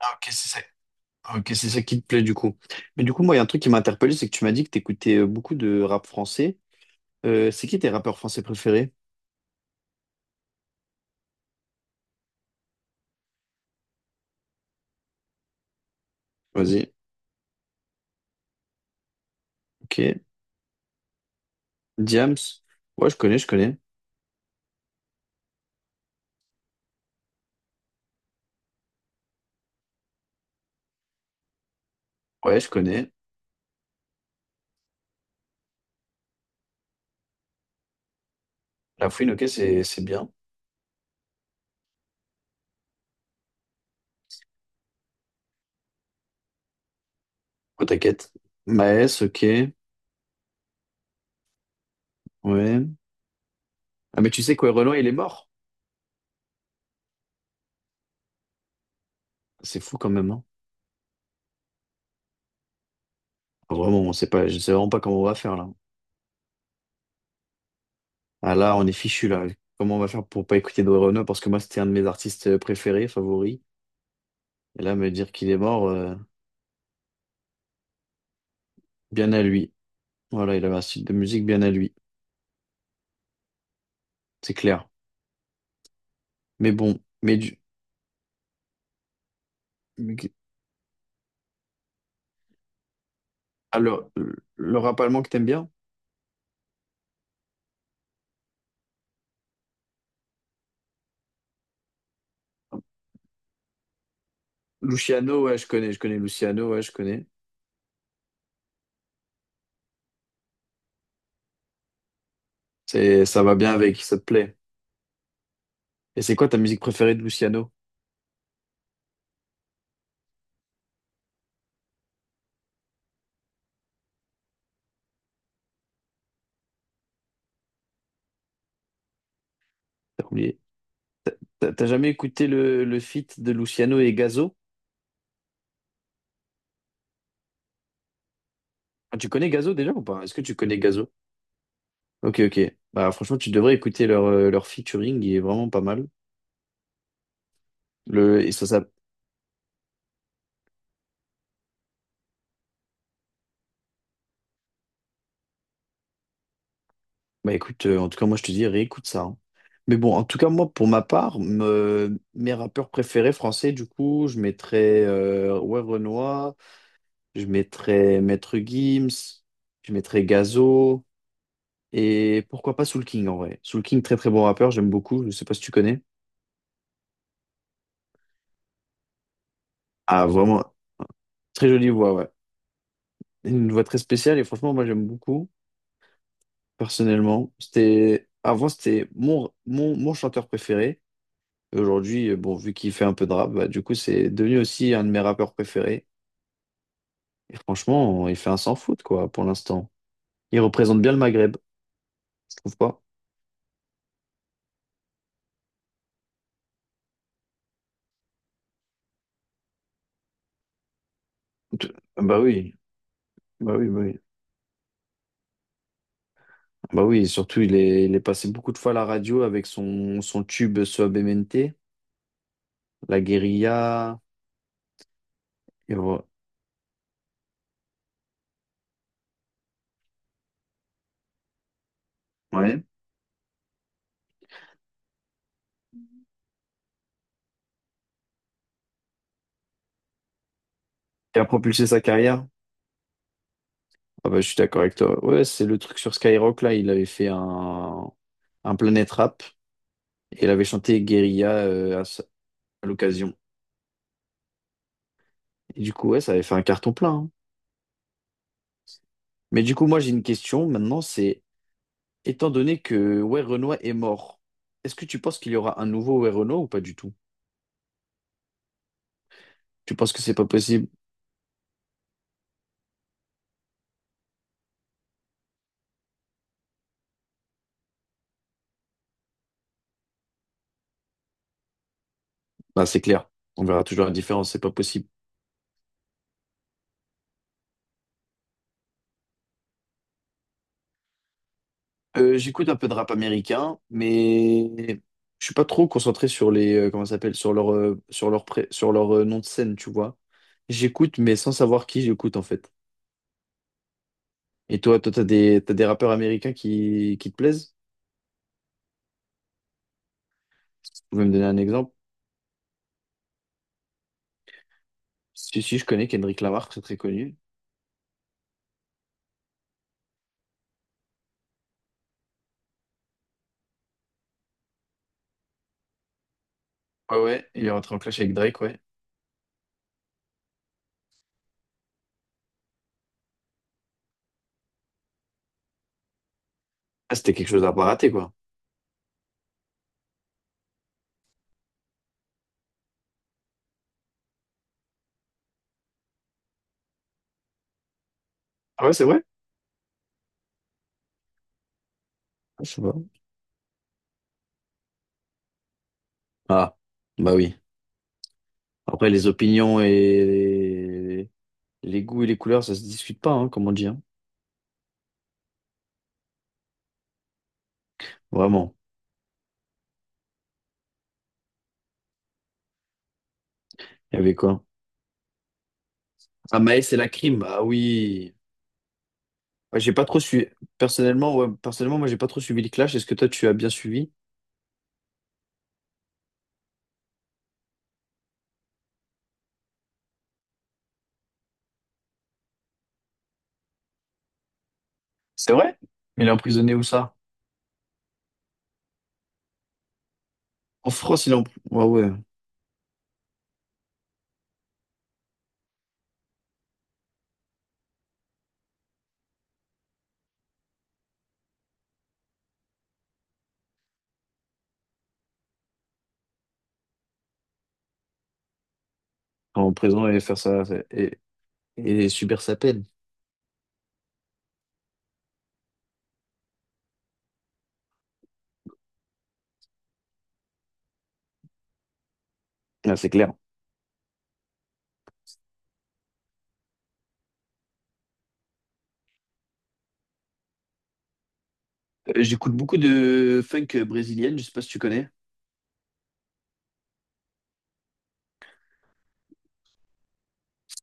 Ah, ok, c'est ça. Ok, c'est ça qui te plaît du coup. Mais du coup, moi, il y a un truc qui m'a interpellé, c'est que tu m'as dit que t'écoutais beaucoup de rap français. C'est qui tes rappeurs français préférés? Vas-y. Ok. Diams. Ouais, je connais, je connais. Ouais, je connais. La Fouine, ok, c'est bien. Oh, t'inquiète. Maes, ok. Ouais. Ah, mais tu sais quoi, Roland, il est mort. C'est fou quand même, hein. Ah, vraiment, on sait pas, je sais vraiment pas comment on va faire là. Ah là, on est fichu là. Comment on va faire pour pas écouter de Renaud? Parce que moi, c'était un de mes artistes préférés, favoris. Et là, me dire qu'il est mort, bien à lui. Voilà, il avait un style de musique bien à lui, c'est clair. Mais bon, mais qui- Ah, le rap allemand que t'aimes bien? Luciano, ouais, je connais Luciano, ouais, je connais. C'est, ça va bien avec, ça te plaît. Et c'est quoi ta musique préférée de Luciano? T'as oublié. T'as jamais écouté le feat de Luciano et Gazo? Ah, tu connais Gazo déjà ou pas? Est-ce que tu connais Gazo? Ok, ok. Bah franchement, tu devrais écouter leur, leur featuring, il est vraiment pas mal. Le, et ça Bah écoute, en tout cas, moi je te dis, réécoute ça, hein. Mais bon, en tout cas, moi, pour ma part, mes rappeurs préférés français, du coup, je mettrais ouais, Renoir, je mettrais Maître Gims, je mettrais Gazo, et pourquoi pas Soul King en vrai. Soul King, très très bon rappeur, j'aime beaucoup, je sais pas si tu connais. Ah, vraiment, très jolie voix, ouais. Une voix très spéciale, et franchement, moi j'aime beaucoup, personnellement. C'était, avant, c'était mon chanteur préféré. Et aujourd'hui, bon, vu qu'il fait un peu de rap, bah, du coup, c'est devenu aussi un de mes rappeurs préférés. Et franchement, il fait un sans faute, quoi, pour l'instant. Il représente bien le Maghreb, je trouve pas? T- Bah oui, bah oui, bah oui. Bah oui, et surtout, il est passé beaucoup de fois à la radio avec son, son tube Suavemente, La Guérilla, et voilà. Ouais. Et a propulsé sa carrière. Ah bah, je suis d'accord avec toi. Ouais, c'est le truc sur Skyrock, là, il avait fait un Planet Rap, et il avait chanté Guérilla à, à l'occasion. Et du coup, ouais, ça avait fait un carton plein, hein. Mais du coup, moi, j'ai une question maintenant, c'est, étant donné que ouais, Renoir est mort, est-ce que tu penses qu'il y aura un nouveau ouais, Renoir ou pas du tout? Tu penses que c'est pas possible? Bah, c'est clair. On verra toujours la différence, c'est pas possible. J'écoute un peu de rap américain, mais je suis pas trop concentré sur les, comment ça s'appelle, sur leur, sur leur, sur leur nom de scène, tu vois. J'écoute, mais sans savoir qui j'écoute, en fait. Et toi, toi, t'as des rappeurs américains qui te plaisent? Tu pouvez me donner un exemple? Si, si, je connais Kendrick Lamar, très très connu. Ouais, ouais, il est rentré en clash avec Drake, ouais. Ah, c'était quelque chose à pas rater, quoi. Ah ouais, c'est vrai? Ah, je sais pas. Ah, bah oui. Après, les opinions et les goûts et les couleurs, ça se discute pas, hein, comme on dit, hein. Vraiment. Il y avait quoi? Ah, Maës et la crime. Ah oui. Ouais, j'ai pas trop suivi. Personnellement, ouais, personnellement, moi, j'ai pas trop suivi le clash. Est-ce que toi, tu as bien suivi? C'est vrai? Il est emprisonné où ça? En France, Ouais, ouais. En prison et faire ça, et subir sa peine. Ah, c'est clair. J'écoute beaucoup de funk brésilienne, je sais pas si tu connais.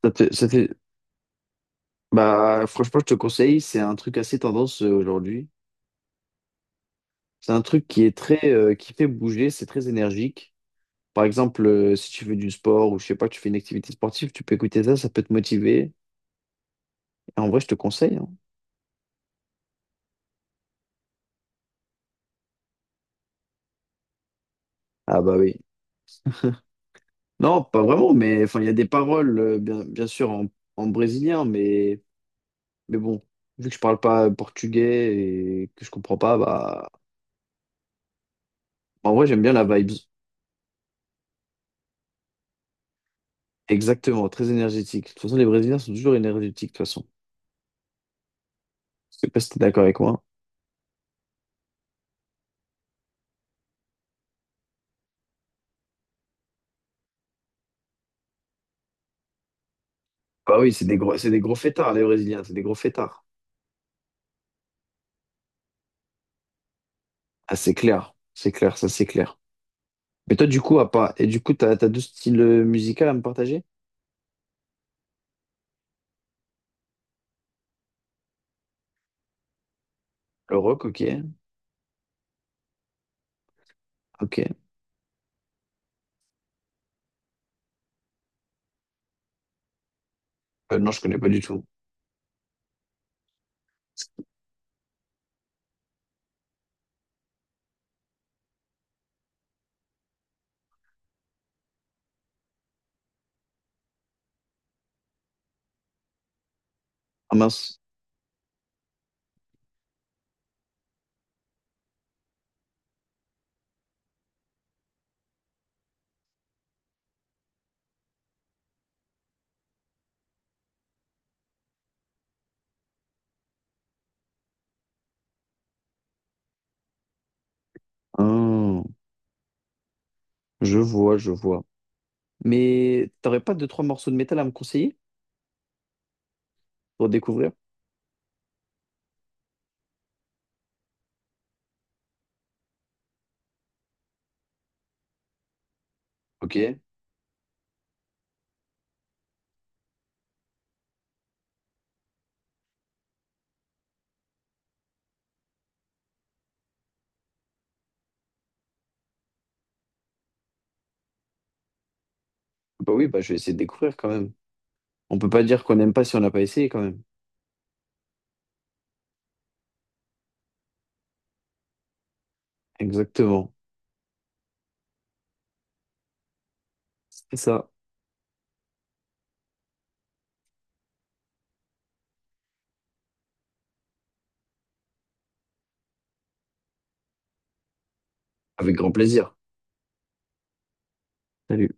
Ça te- ça te- Bah, franchement, je te conseille, c'est un truc assez tendance aujourd'hui. C'est un truc qui est très, qui fait bouger, c'est très énergique. Par exemple, si tu fais du sport ou je sais pas, tu fais une activité sportive, tu peux écouter ça, ça peut te motiver. Et en vrai, je te conseille, hein. Ah bah oui. Non, pas vraiment, mais enfin, il y a des paroles, bien, bien sûr, en, en brésilien, mais bon, vu que je parle pas portugais et que je comprends pas, bah, en vrai, j'aime bien la vibe. Exactement, très énergétique. De toute façon, les Brésiliens sont toujours énergétiques, de toute façon. Je sais pas si t'es d'accord avec moi. Bah oui, c'est des gros fêtards, les Brésiliens, c'est des gros fêtards. Ah, c'est clair, ça c'est clair. Mais toi, du coup, Et du coup, t'as, t'as deux styles musicaux à me partager? Le rock, ok, ok. Non, je connais pas du tout. Ah mince. Ah, je vois, je vois. Mais t'aurais pas deux, trois morceaux de métal à me conseiller pour découvrir? Ok. Bah oui, bah je vais essayer de découvrir quand même. On peut pas dire qu'on n'aime pas si on n'a pas essayé quand même. Exactement. C'est ça. Avec grand plaisir. Salut.